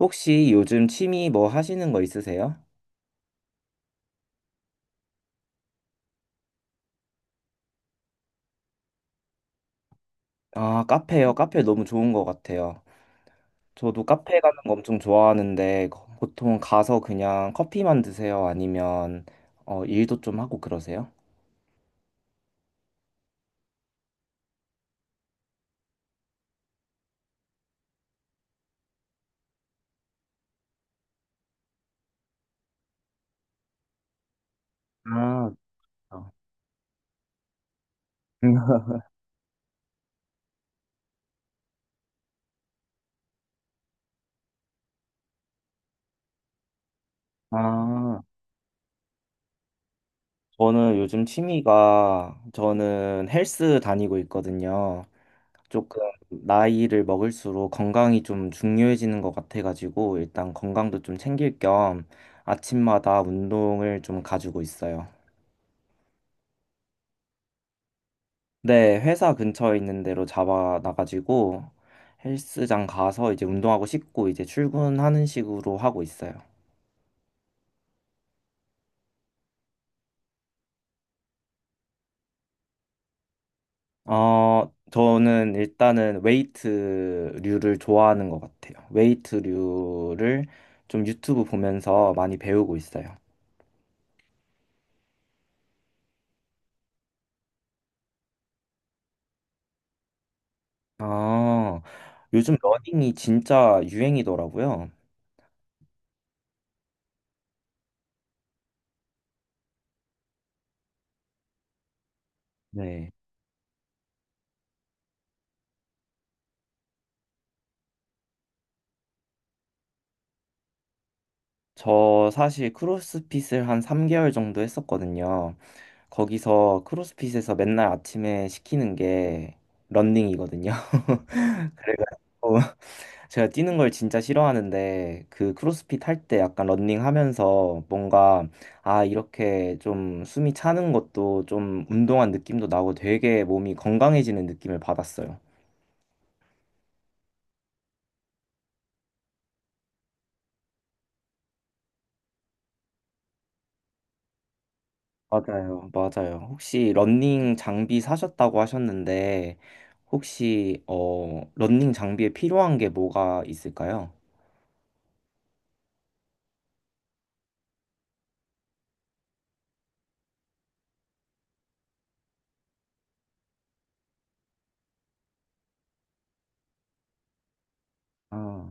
혹시 요즘 취미 뭐 하시는 거 있으세요? 아, 카페요. 카페 너무 좋은 것 같아요. 저도 카페 가는 거 엄청 좋아하는데 보통 가서 그냥 커피만 드세요? 아니면 어, 일도 좀 하고 그러세요? 아, 어. 아, 저는 요즘 취미가 저는 헬스 다니고 있거든요. 조금 나이를 먹을수록 건강이 좀 중요해지는 것 같아가지고 일단 건강도 좀 챙길 겸 아침마다 운동을 좀 가지고 있어요. 네, 회사 근처에 있는 데로 잡아놔가지고 헬스장 가서 이제 운동하고 씻고 이제 출근하는 식으로 하고 있어요. 어, 저는 일단은 웨이트류를 좋아하는 것 같아요. 웨이트류를 좀 유튜브 보면서 많이 배우고 있어요. 아, 요즘 러닝이 진짜 유행이더라고요. 네. 저 사실 크로스핏을 한 3개월 정도 했었거든요. 거기서 크로스핏에서 맨날 아침에 시키는 게 러닝이거든요. 그래가지고 제가 뛰는 걸 진짜 싫어하는데 그 크로스핏 할 때 약간 러닝 하면서 뭔가 아, 이렇게 좀 숨이 차는 것도 좀 운동한 느낌도 나고 되게 몸이 건강해지는 느낌을 받았어요. 맞아요, 맞아요. 혹시 러닝 장비 사셨다고 하셨는데, 혹시, 어, 러닝 장비에 필요한 게 뭐가 있을까요? 아,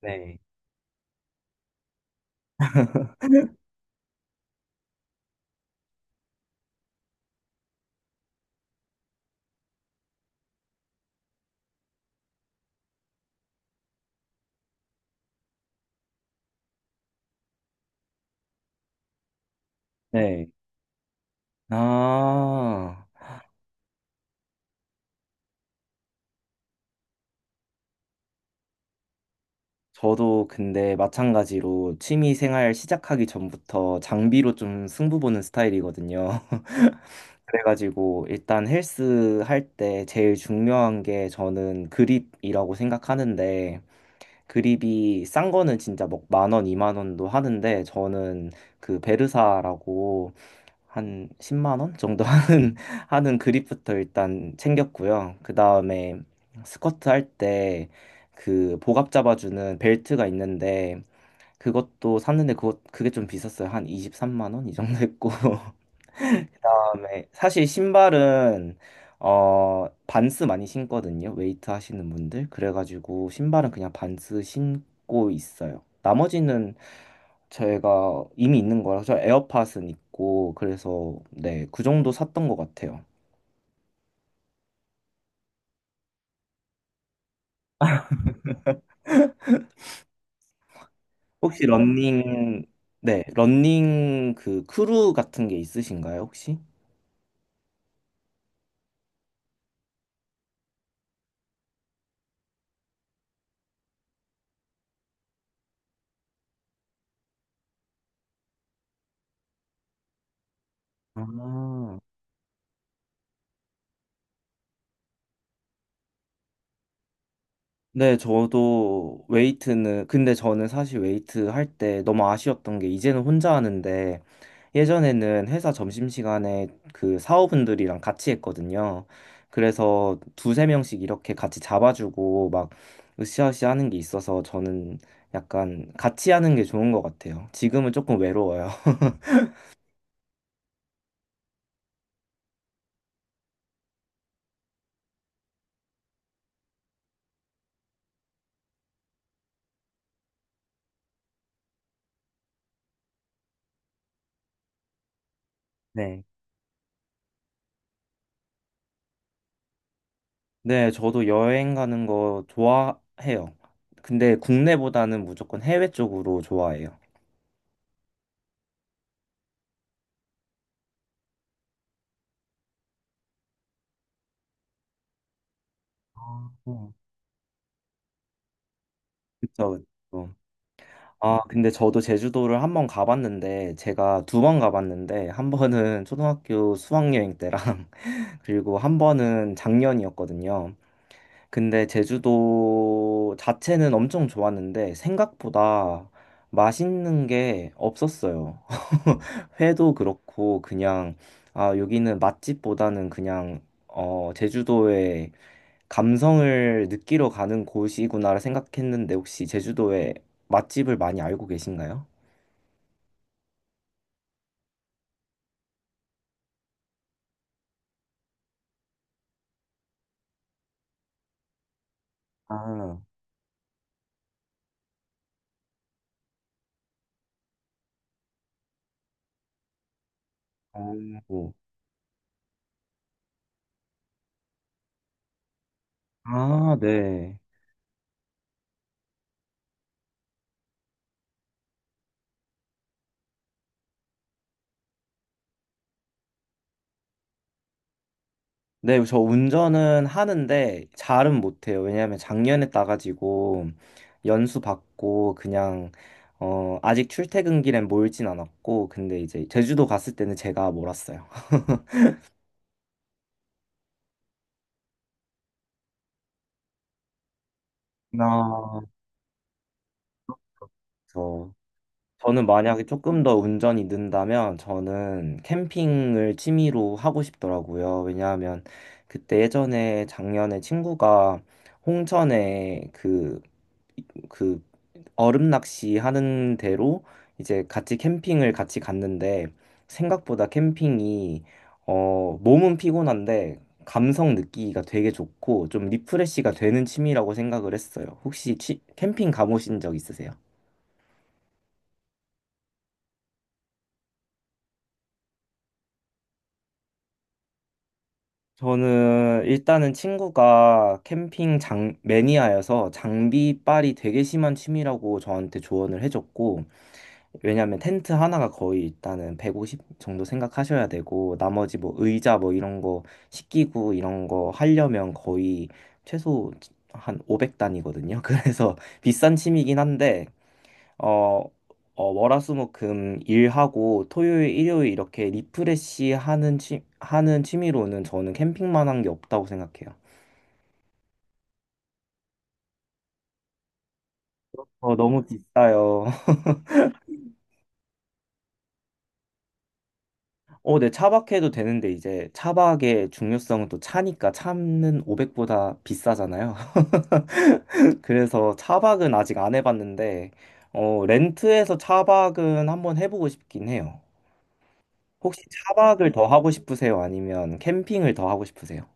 네. 네. 아, 저도 근데 마찬가지로 취미 생활 시작하기 전부터 장비로 좀 승부 보는 스타일이거든요. 그래가지고 일단 헬스 할 때 제일 중요한 게 저는 그립이라고 생각하는데, 그립이 싼 거는 진짜 막 만 원, 이만 원도 하는데 저는 그 베르사라고 한 10만 원 정도 하는 그립부터 일단 챙겼고요. 그다음에 스쿼트 할 때 그 복압 잡아주는 벨트가 있는데 그것도 샀는데 그거 그게 좀 비쌌어요. 한 23만 원 이 정도 했고 그다음에 사실 신발은 어 반스 많이 신거든요. 웨이트 하시는 분들. 그래가지고 신발은 그냥 반스 신고 있어요. 나머지는 저희가 이미 있는 거라서 에어팟은 있고 그래서 네, 그 정도 샀던 것 같아요. 혹시 러닝 네, 러닝 그 크루 같은 게 있으신가요, 혹시? 아. 네, 저도 웨이트는, 근데 저는 사실 웨이트 할 때 너무 아쉬웠던 게 이제는 혼자 하는데 예전에는 회사 점심시간에 그 사원분들이랑 같이 했거든요. 그래서 두세 명씩 이렇게 같이 잡아주고 막 으쌰으쌰 하는 게 있어서 저는 약간 같이 하는 게 좋은 것 같아요. 지금은 조금 외로워요. 네. 네, 저도 여행 가는 거 좋아해요. 근데 국내보다는 무조건 해외 쪽으로 좋아해요. 아, 네. 그쵸, 그쵸. 아, 근데 저도 제주도를 한 번 가봤는데, 제가 두 번 가봤는데, 한 번은 초등학교 수학여행 때랑, 그리고 한 번은 작년이었거든요. 근데 제주도 자체는 엄청 좋았는데, 생각보다 맛있는 게 없었어요. 회도 그렇고, 그냥, 아, 여기는 맛집보다는 그냥, 어, 제주도의 감성을 느끼러 가는 곳이구나 생각했는데 혹시 제주도에 맛집을 많이 알고 계신가요? 아, 오. 아, 네. 네, 저 운전은 하는데 잘은 못해요. 왜냐하면 작년에 따가지고 연수 받고 그냥 어, 아직 출퇴근 길엔 몰진 않았고 근데 이제 제주도 갔을 때는 제가 몰았어요. 아. 저는 만약에 조금 더 운전이 는다면 저는 캠핑을 취미로 하고 싶더라고요. 왜냐하면 그때 예전에 작년에 친구가 홍천에 그 얼음 낚시 하는 데로 이제 같이 캠핑을 같이 갔는데 생각보다 캠핑이 어, 몸은 피곤한데 감성 느끼기가 되게 좋고 좀 리프레시가 되는 취미라고 생각을 했어요. 혹시 캠핑 가보신 적 있으세요? 저는 일단은 친구가 캠핑 장 매니아여서 장비빨이 되게 심한 취미라고 저한테 조언을 해줬고 왜냐면 텐트 하나가 거의 일단은 150 정도 생각하셔야 되고 나머지 뭐 의자 뭐 이런 거 식기구 이런 거 하려면 거의 최소 한 500단이거든요. 그래서 비싼 취미긴 한데 어, 어, 월화수목금 일하고 토요일, 일요일 이렇게 리프레시 하는 취미로는 저는 캠핑만 한 게 없다고 생각해요. 어, 너무 비싸요. 어, 네, 차박해도 되는데 이제 차박의 중요성은 또 차니까 차는 500보다 비싸잖아요. 그래서 차박은 아직 안 해봤는데 어, 렌트해서 차박은 한번 해보고 싶긴 해요. 혹시 차박을 더 하고 싶으세요? 아니면 캠핑을 더 하고 싶으세요?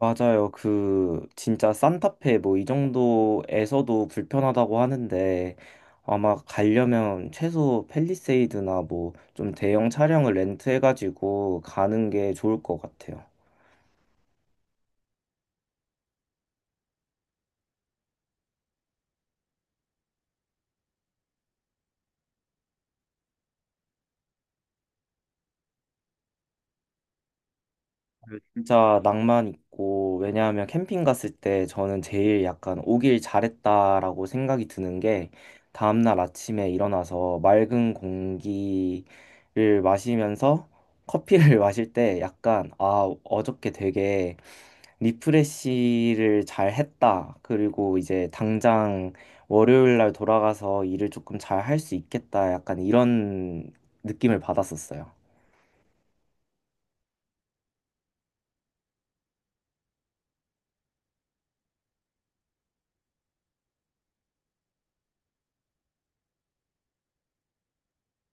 맞아요. 그 진짜 산타페 뭐 이 정도에서도 불편하다고 하는데 아마 가려면 최소 팰리세이드나 뭐 좀 대형 차량을 렌트해가지고 가는 게 좋을 것 같아요. 진짜 낭만 있고 왜냐하면 캠핑 갔을 때 저는 제일 약간 오길 잘했다라고 생각이 드는 게 다음날 아침에 일어나서 맑은 공기를 마시면서 커피를 마실 때 약간 아 어저께 되게 리프레시를 잘 했다. 그리고 이제 당장 월요일 날 돌아가서 일을 조금 잘 할 수 있겠다. 약간 이런 느낌을 받았었어요.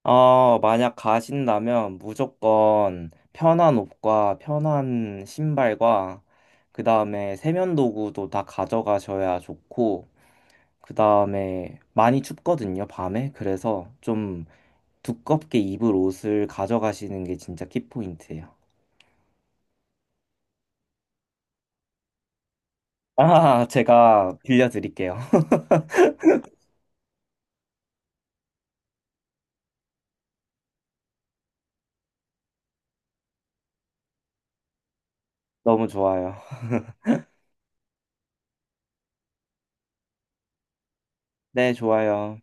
어, 만약 가신다면 무조건 편한 옷과 편한 신발과 그 다음에 세면도구도 다 가져가셔야 좋고 그 다음에 많이 춥거든요, 밤에. 그래서 좀 두껍게 입을 옷을 가져가시는 게 진짜 키포인트예요. 아, 제가 빌려드릴게요. 너무 좋아요. 네, 좋아요.